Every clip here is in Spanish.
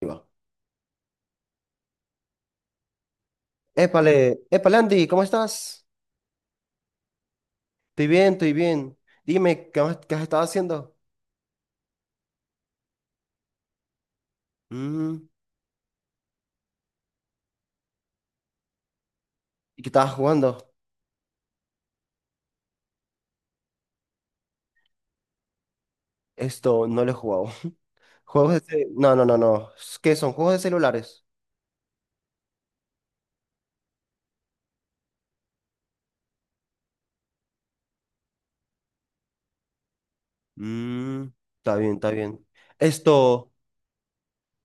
Ahí va. Épale, épale Andy, ¿cómo estás? Estoy bien, estoy bien. Dime, ¿qué has estado haciendo? Mm. ¿Y qué estabas jugando? Esto no lo he jugado. Juegos de... No, no, no, no. ¿Qué son? ¿Juegos de celulares? Mm, está bien, está bien. Esto,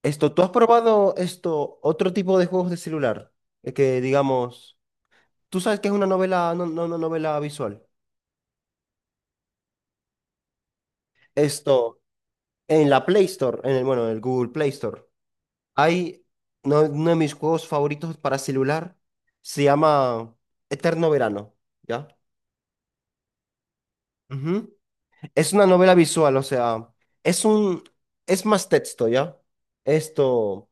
¿Tú has probado esto, otro tipo de juegos de celular? Que digamos, tú sabes que es una novela, no, no, una novela visual. Esto, en la Play Store, bueno, en el Google Play Store. Hay uno de mis juegos favoritos para celular, se llama Eterno Verano, ¿ya? Ujú. Es una novela visual, o sea, es un, es más texto, ¿ya? Esto,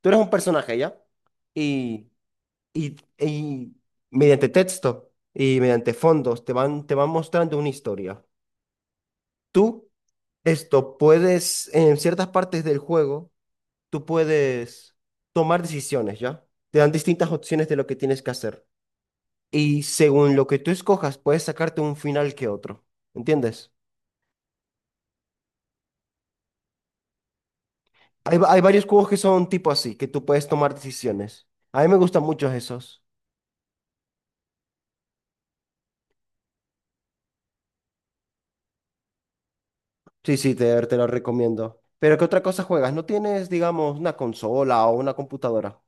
tú eres un personaje, ¿ya? Y, y mediante texto y mediante fondos te van mostrando una historia. Tú, esto, puedes, en ciertas partes del juego, tú puedes tomar decisiones, ¿ya? Te dan distintas opciones de lo que tienes que hacer. Y según lo que tú escojas, puedes sacarte un final que otro. ¿Entiendes? Hay varios juegos que son tipo así, que tú puedes tomar decisiones. A mí me gustan mucho esos. Sí, sí, te los recomiendo. Pero ¿qué otra cosa juegas? ¿No tienes, digamos, una consola o una computadora?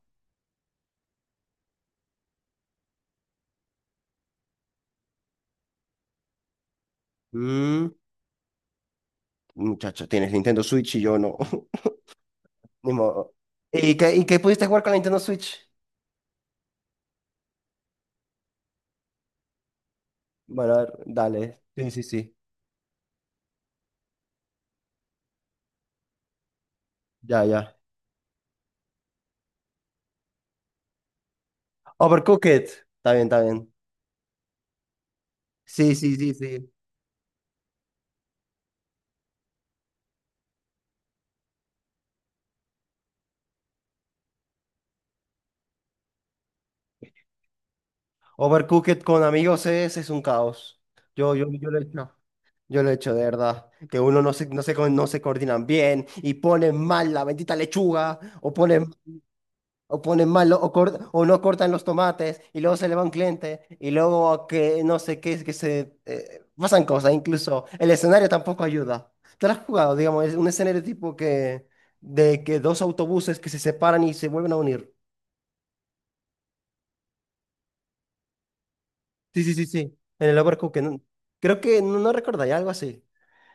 Mm, muchacho, tienes Nintendo Switch y yo no. Ni modo. ¿Y qué pudiste jugar con la Nintendo Switch? Bueno, a ver, dale. Sí, sí, sí. Ya, ya. Overcooked. Está bien, está bien. Sí, sí, sí, sí. Overcooked con amigos es un caos. Yo lo he hecho. Yo lo he hecho de verdad. Que uno no se coordinan bien y ponen mal la bendita lechuga o ponen mal o no cortan los tomates y luego se le va un cliente y luego que no sé qué es que se pasan cosas. Incluso el escenario tampoco ayuda. ¿Te lo has jugado? Digamos, es un escenario tipo que de que dos autobuses que se separan y se vuelven a unir. Sí, sí, sí, sí. En el Overcooked. Creo que no, no recordaría algo así.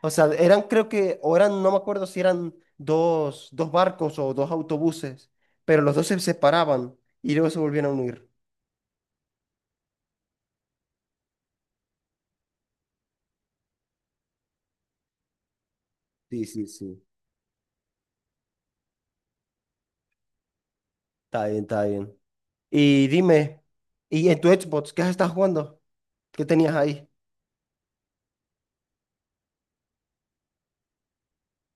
O sea, eran, creo que, o eran, no me acuerdo si eran dos, dos barcos o dos autobuses, pero los dos se separaban y luego se volvieron a unir. Sí, sí, sí. Está bien, está bien. Y dime, ¿y en tu Xbox qué has estado jugando? ¿Qué tenías ahí?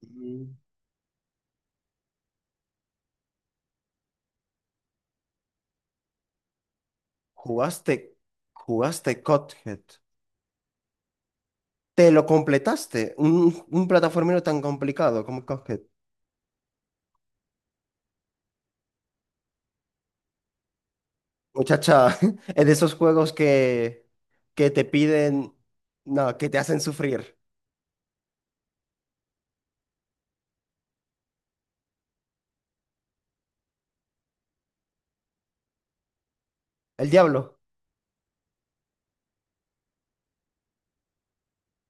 Mm. Jugaste, jugaste Cuphead. ¿Te lo completaste? Un plataformero tan complicado como Cuphead. Muchacha, en esos juegos que te piden, no, que te hacen sufrir. El diablo.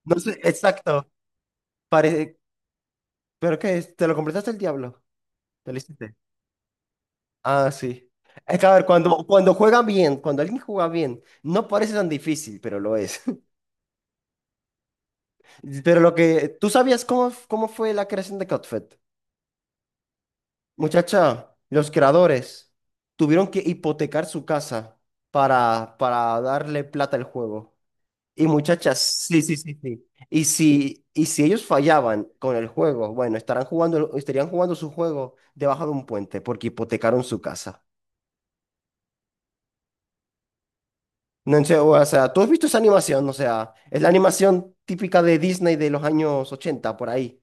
No sé, exacto. Pare- pero que te lo completaste el diablo. Te lo hiciste. Ah, sí. Es que a ver, cuando juega bien, cuando alguien juega bien, no parece tan difícil, pero lo es. Pero lo que, ¿tú sabías cómo fue la creación de Codfed? Muchacha, los creadores tuvieron que hipotecar su casa para darle plata al juego. Y muchachas, sí, sí, sí, sí. Y si ellos fallaban con el juego, bueno, estarían jugando su juego debajo de un puente porque hipotecaron su casa. No sé, o sea, ¿tú has visto esa animación? O sea, es la animación típica de Disney de los años 80 por ahí.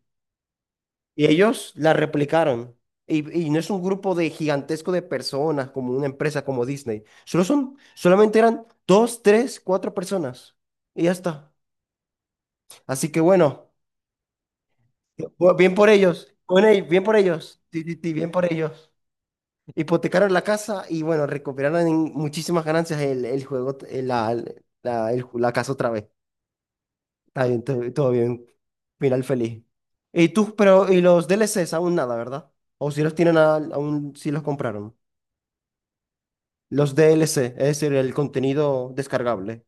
Y ellos la replicaron. Y no es un grupo de gigantesco de personas como una empresa como Disney. Solamente eran dos, tres, cuatro personas. Y ya está. Así que bueno. Y bien por ellos, sí, sí, sí, bien por ellos. Hipotecaron la casa y bueno, recuperaron en muchísimas ganancias el juego, el- la, el la casa otra vez. Está bien, todo, todo bien. Final feliz. Y tú, pero, y los DLCs aún nada, ¿verdad? O si los tienen aún, si los compraron. Los DLC, es decir, el contenido descargable.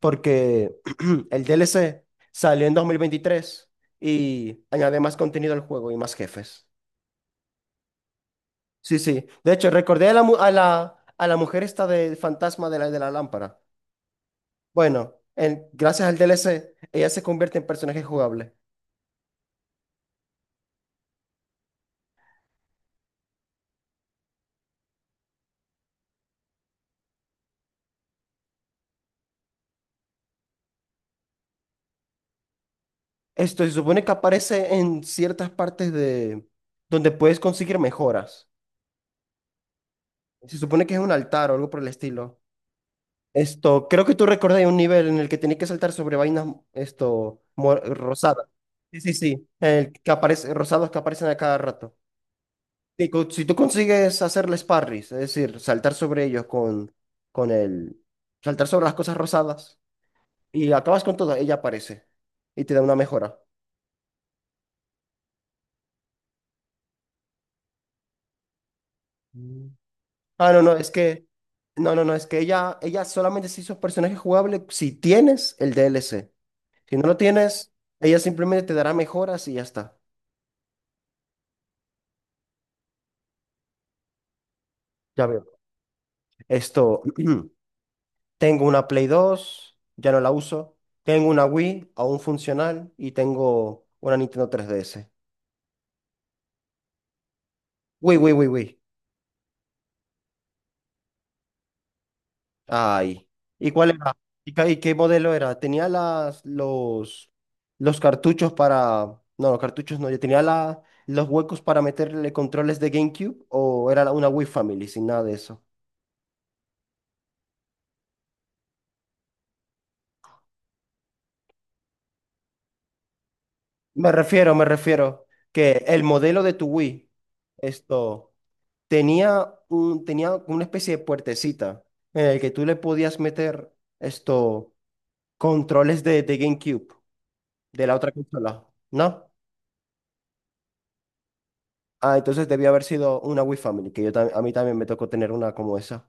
Porque el DLC salió en 2023 y añade más contenido al juego y más jefes. Sí, sí. De hecho, recordé a la, mu- a la mujer esta del fantasma de de la lámpara. Bueno, gracias al DLC, ella se convierte en personaje jugable. Esto se supone que aparece en ciertas partes de donde puedes conseguir mejoras. Se supone que es un altar o algo por el estilo. Esto, creo que tú recordás un nivel en el que tenés que saltar sobre vainas, rosadas. Sí, sí, sí. El que aparece, rosados que aparecen a cada rato. Y si tú consigues hacerles parries, es decir, saltar sobre ellos con el... Saltar sobre las cosas rosadas y acabas con todas, ella aparece y te da una mejora. Mm. Ah, no, no, es que... No, no, no, es que ella solamente se hizo personaje jugable si tienes el DLC. Si no lo tienes, ella simplemente te dará mejoras y ya está. Ya veo. Esto, tengo una Play dos, ya no la uso. Tengo una Wii, aún funcional, y tengo una Nintendo 3DS. Uy, uy, uy, uy. Ay. ¿Y cuál era? ¿Y qué modelo era? Tenía los cartuchos para... No, los cartuchos no. Yo tenía los huecos para meterle controles de GameCube o era una Wii Family sin nada de eso. Me refiero que el modelo de tu Wii, esto, tenía tenía una especie de puertecita en el que tú le podías meter esto, controles de GameCube, de la otra consola, ¿no? Ah, entonces debió haber sido una Wii Family, que a mí también me tocó tener una como esa.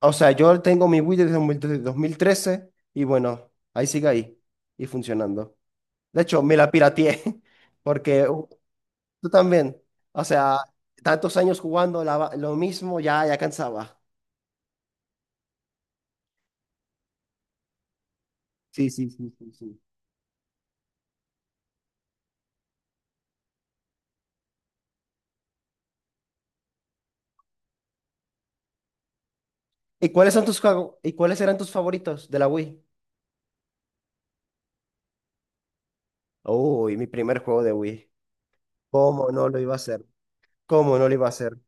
O sea, yo tengo mi Wii desde desde 2013 y bueno, ahí sigue ahí y funcionando. De hecho, me la pirateé porque tú también. O sea, tantos años jugando lo mismo ya, ya cansaba. Sí, sí, sí, sí, sí. ¿Y cuáles son tus juegos? ¿Y cuáles eran tus favoritos de la Wii? Uy, mi primer juego de Wii. ¿Cómo no lo iba a hacer? ¿Cómo no lo iba a hacer?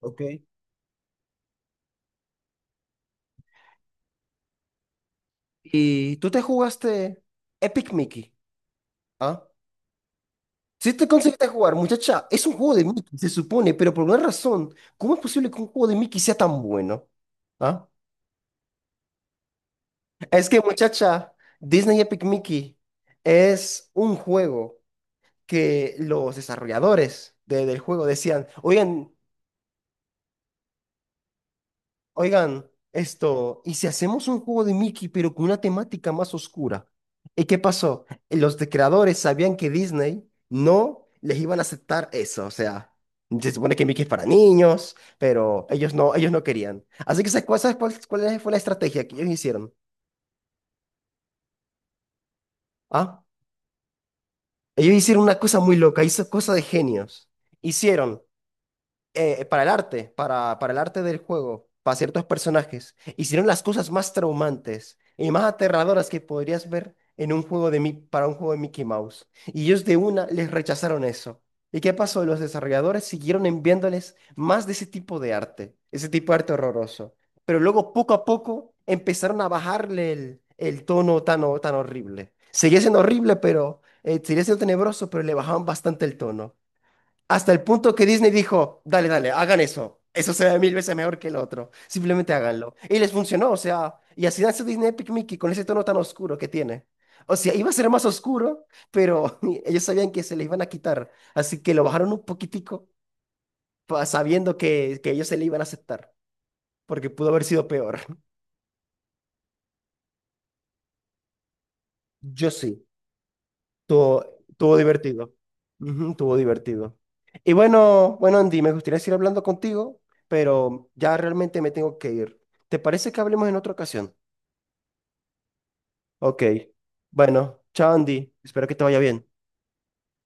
Ok. Y tú te jugaste Epic Mickey, ¿ah? Si te conseguiste jugar, muchacha, es un juego de Mickey, se supone, pero por una razón, ¿cómo es posible que un juego de Mickey sea tan bueno? ¿Ah? Es que, muchacha, Disney Epic Mickey es un juego que los desarrolladores del juego decían, oigan, oigan, esto, ¿y si hacemos un juego de Mickey pero con una temática más oscura? ¿Y qué pasó? Los de creadores sabían que Disney no les iban a aceptar eso, o sea, se supone que Mickey es para niños, pero ellos no querían. Así que ¿sabes cuál fue la estrategia que ellos hicieron? ¿Ah? Ellos hicieron una cosa muy loca, hizo cosa de genios. Hicieron para el arte, para el arte del juego, para ciertos personajes, hicieron las cosas más traumantes y más aterradoras que podrías ver en un juego de para un juego de Mickey Mouse. Y ellos de una les rechazaron eso. ¿Y qué pasó? Los desarrolladores siguieron enviándoles más de ese tipo de arte, ese tipo de arte horroroso. Pero luego, poco a poco, empezaron a bajarle el tono tan, tan horrible. Seguía siendo horrible, pero seguía siendo tenebroso, pero le bajaban bastante el tono. Hasta el punto que Disney dijo, dale, dale, hagan eso. Eso se ve 1000 veces mejor que el otro. Simplemente háganlo. Y les funcionó, o sea, y así nace Disney Epic Mickey con ese tono tan oscuro que tiene. O sea, iba a ser más oscuro, pero ellos sabían que se le iban a quitar. Así que lo bajaron un poquitico, sabiendo que ellos se le iban a aceptar, porque pudo haber sido peor. Yo sí. Tuvo, tuvo divertido. Ujú, tuvo divertido. Y bueno, bueno, Andy, me gustaría seguir hablando contigo, pero ya realmente me tengo que ir. ¿Te parece que hablemos en otra ocasión? Ok. Bueno, chao, Andy. Espero que te vaya bien.